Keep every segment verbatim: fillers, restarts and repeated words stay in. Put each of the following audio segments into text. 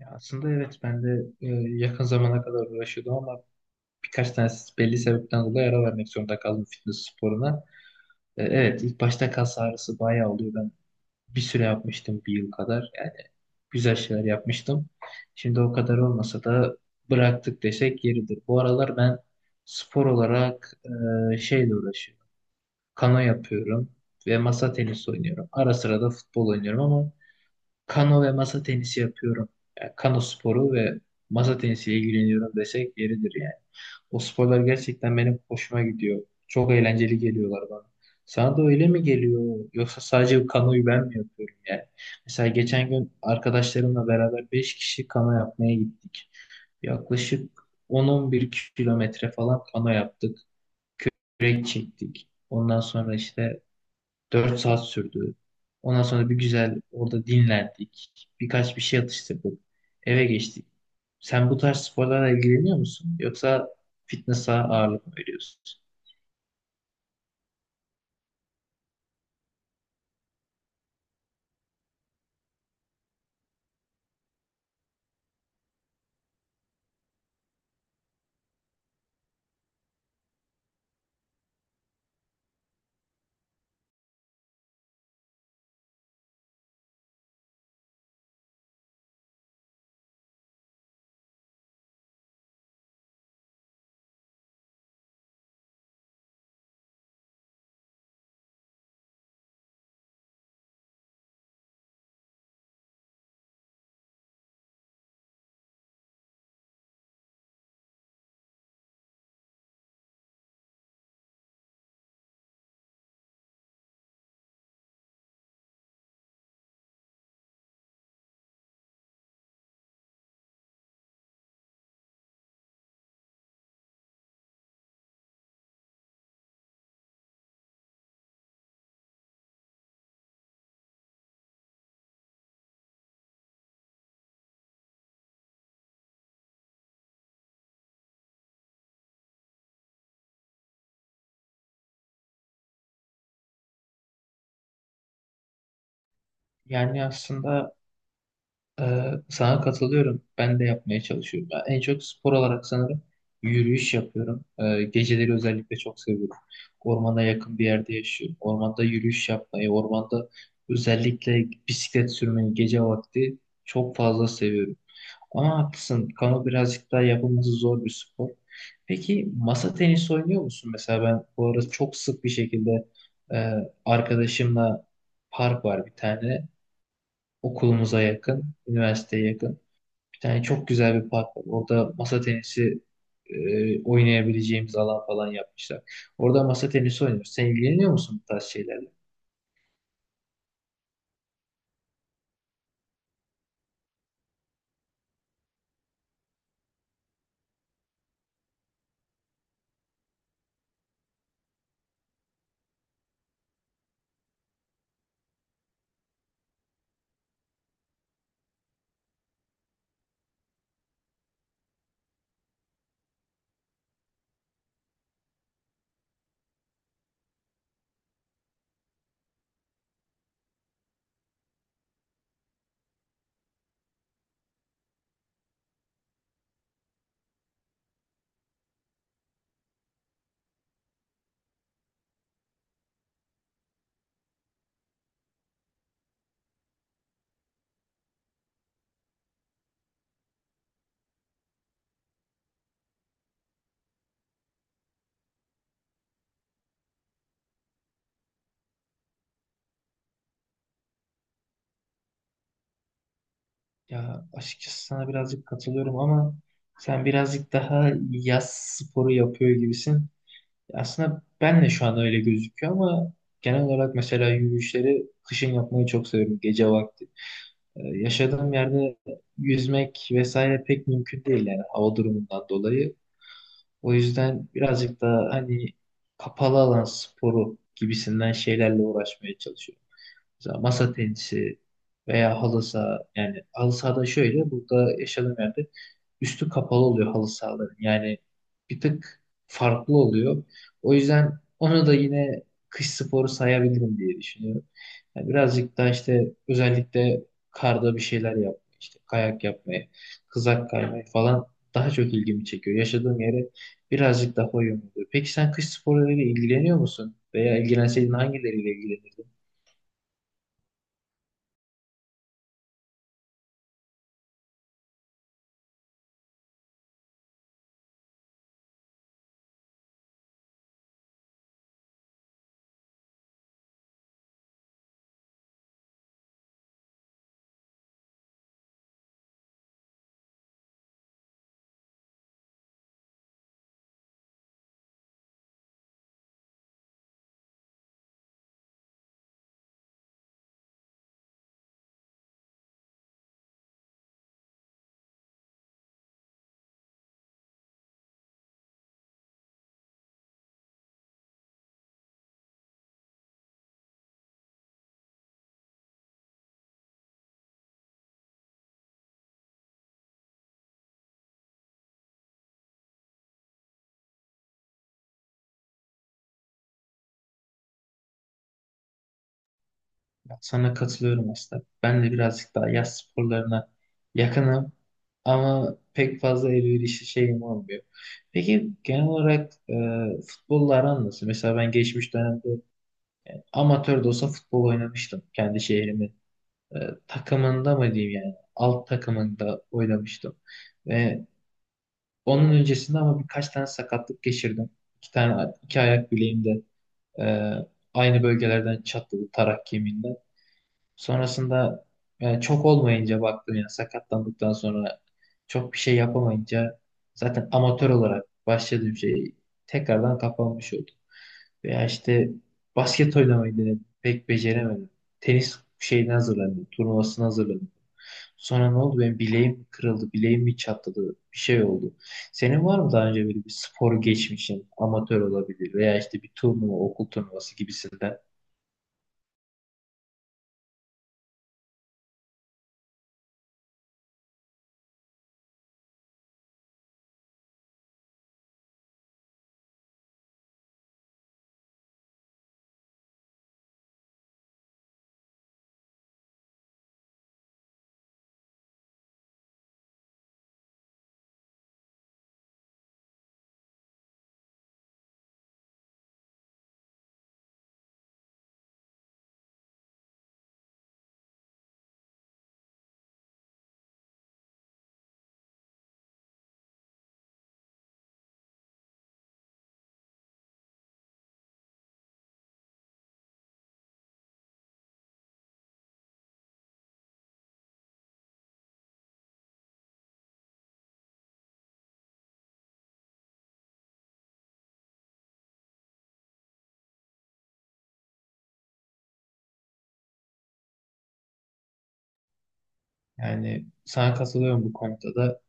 Ya aslında evet ben de e, yakın zamana kadar uğraşıyordum ama birkaç tane belli sebepten dolayı ara vermek zorunda kaldım fitness sporuna. E, evet ilk başta kas ağrısı bayağı oluyor. Ben bir süre yapmıştım bir yıl kadar. Yani güzel şeyler yapmıştım. Şimdi o kadar olmasa da bıraktık desek yeridir. Bu aralar ben spor olarak e, şeyle uğraşıyorum. Kano yapıyorum ve masa tenisi oynuyorum. Ara sıra da futbol oynuyorum ama kano ve masa tenisi yapıyorum. Yani kano sporu ve masa tenisiyle ilgileniyorum desek yeridir yani. O sporlar gerçekten benim hoşuma gidiyor. Çok eğlenceli geliyorlar bana. Sana da öyle mi geliyor? Yoksa sadece kanoyu ben mi yapıyorum yani? Mesela geçen gün arkadaşlarımla beraber beş kişi kano yapmaya gittik. Yaklaşık on on bir kilometre falan kano yaptık. Kürek çektik. Ondan sonra işte dört saat sürdü. Ondan sonra bir güzel orada dinlendik. Birkaç bir şey atıştırdık. Eve geçtik. Sen bu tarz sporlarla ilgileniyor musun? Yoksa fitness'a ağırlık mı veriyorsun? Yani aslında e, sana katılıyorum. Ben de yapmaya çalışıyorum. Ben en çok spor olarak sanırım yürüyüş yapıyorum. E, geceleri özellikle çok seviyorum. Ormana yakın bir yerde yaşıyorum. Ormanda yürüyüş yapmayı, ormanda özellikle bisiklet sürmeyi gece vakti çok fazla seviyorum. Ama haklısın. Kano birazcık daha yapılması zor bir spor. Peki masa tenisi oynuyor musun? Mesela ben bu arada çok sık bir şekilde e, arkadaşımla park var bir tane. Okulumuza yakın, üniversiteye yakın. Bir tane çok güzel bir park var. Orada masa tenisi e, oynayabileceğimiz alan falan yapmışlar. Orada masa tenisi oynuyoruz. Sen ilgileniyor musun bu tarz şeylerle? Ya açıkçası sana birazcık katılıyorum ama sen birazcık daha yaz sporu yapıyor gibisin. Aslında ben de şu an öyle gözüküyor ama genel olarak mesela yürüyüşleri kışın yapmayı çok seviyorum gece vakti. Ee, yaşadığım yerde yüzmek vesaire pek mümkün değil yani hava durumundan dolayı. O yüzden birazcık daha hani kapalı alan sporu gibisinden şeylerle uğraşmaya çalışıyorum. Mesela masa tenisi veya halı saha. Yani halı sahada şöyle burada yaşadığım yerde üstü kapalı oluyor halı sahaların. Yani bir tık farklı oluyor. O yüzden onu da yine kış sporu sayabilirim diye düşünüyorum. Yani birazcık daha işte özellikle karda bir şeyler yapmayı, işte kayak yapmayı, kızak kaymayı falan daha çok ilgimi çekiyor. Yaşadığım yere birazcık daha uyumlu oluyor. Peki sen kış sporlarıyla ilgileniyor musun? Veya ilgilenseydin hangileriyle ilgilenirdin? Sana katılıyorum aslında. Ben de birazcık daha yaz sporlarına yakınım ama pek fazla elverişli şeyim olmuyor. Peki genel olarak e, futbolla aran nasıl? Mesela ben geçmiş dönemde amatör de olsa futbol oynamıştım kendi şehrimin e, takımında mı diyeyim yani alt takımında oynamıştım. Ve onun öncesinde ama birkaç tane sakatlık geçirdim. İki tane iki ayak bileğimde e, aynı bölgelerden çatladı tarak kemiğinden. Sonrasında yani çok olmayınca baktım ya sakatlandıktan sonra çok bir şey yapamayınca zaten amatör olarak başladığım şey tekrardan kapanmış oldu. Veya işte basket oynamayı denedim. Pek beceremedim. Tenis şeyine hazırlandım. Turnuvasına hazırlandım. Sonra ne oldu? Benim bileğim kırıldı. Bileğim bir çatladı. Bir şey oldu. Senin var mı daha önce böyle bir spor geçmişin? Amatör olabilir veya işte bir turnuva, okul turnuvası gibisinden. Yani sana katılıyorum bu konuda da.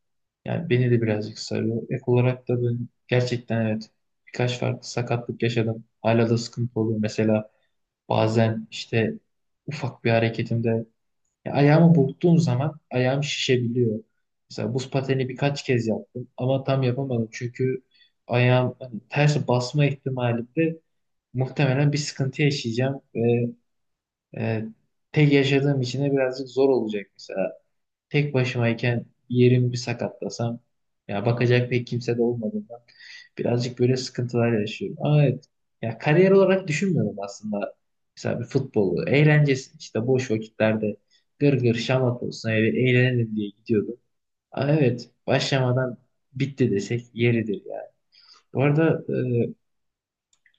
Yani beni de birazcık sarıyor. Ek olarak da ben gerçekten evet birkaç farklı sakatlık yaşadım. Hala da sıkıntı oluyor. Mesela bazen işte ufak bir hareketimde ya ayağımı burktuğum zaman ayağım şişebiliyor. Mesela buz pateni birkaç kez yaptım ama tam yapamadım. Çünkü ayağım hani ters basma ihtimalinde muhtemelen bir sıkıntı yaşayacağım ve e, tek yaşadığım için de birazcık zor olacak mesela. Tek başımayken yerim bir sakatlasam ya bakacak pek kimse de olmadığından birazcık böyle sıkıntılar yaşıyorum. Ama evet ya kariyer olarak düşünmüyorum aslında. Mesela bir futbolu eğlencesi işte boş vakitlerde gır gır şamat olsun eve eğlenelim diye gidiyordum. Aa, evet başlamadan bitti desek yeridir yani. Bu arada,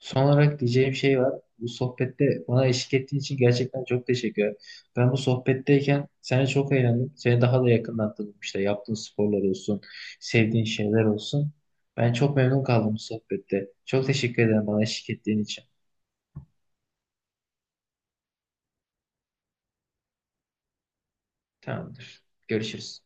son olarak diyeceğim şey var. Bu sohbette bana eşlik ettiğin için gerçekten çok teşekkür ederim. Ben bu sohbetteyken seni çok eğlendim. Seni daha da yakından tanıdım. İşte yaptığın sporlar olsun, sevdiğin şeyler olsun. Ben çok memnun kaldım bu sohbette. Çok teşekkür ederim bana eşlik ettiğin için. Tamamdır. Görüşürüz.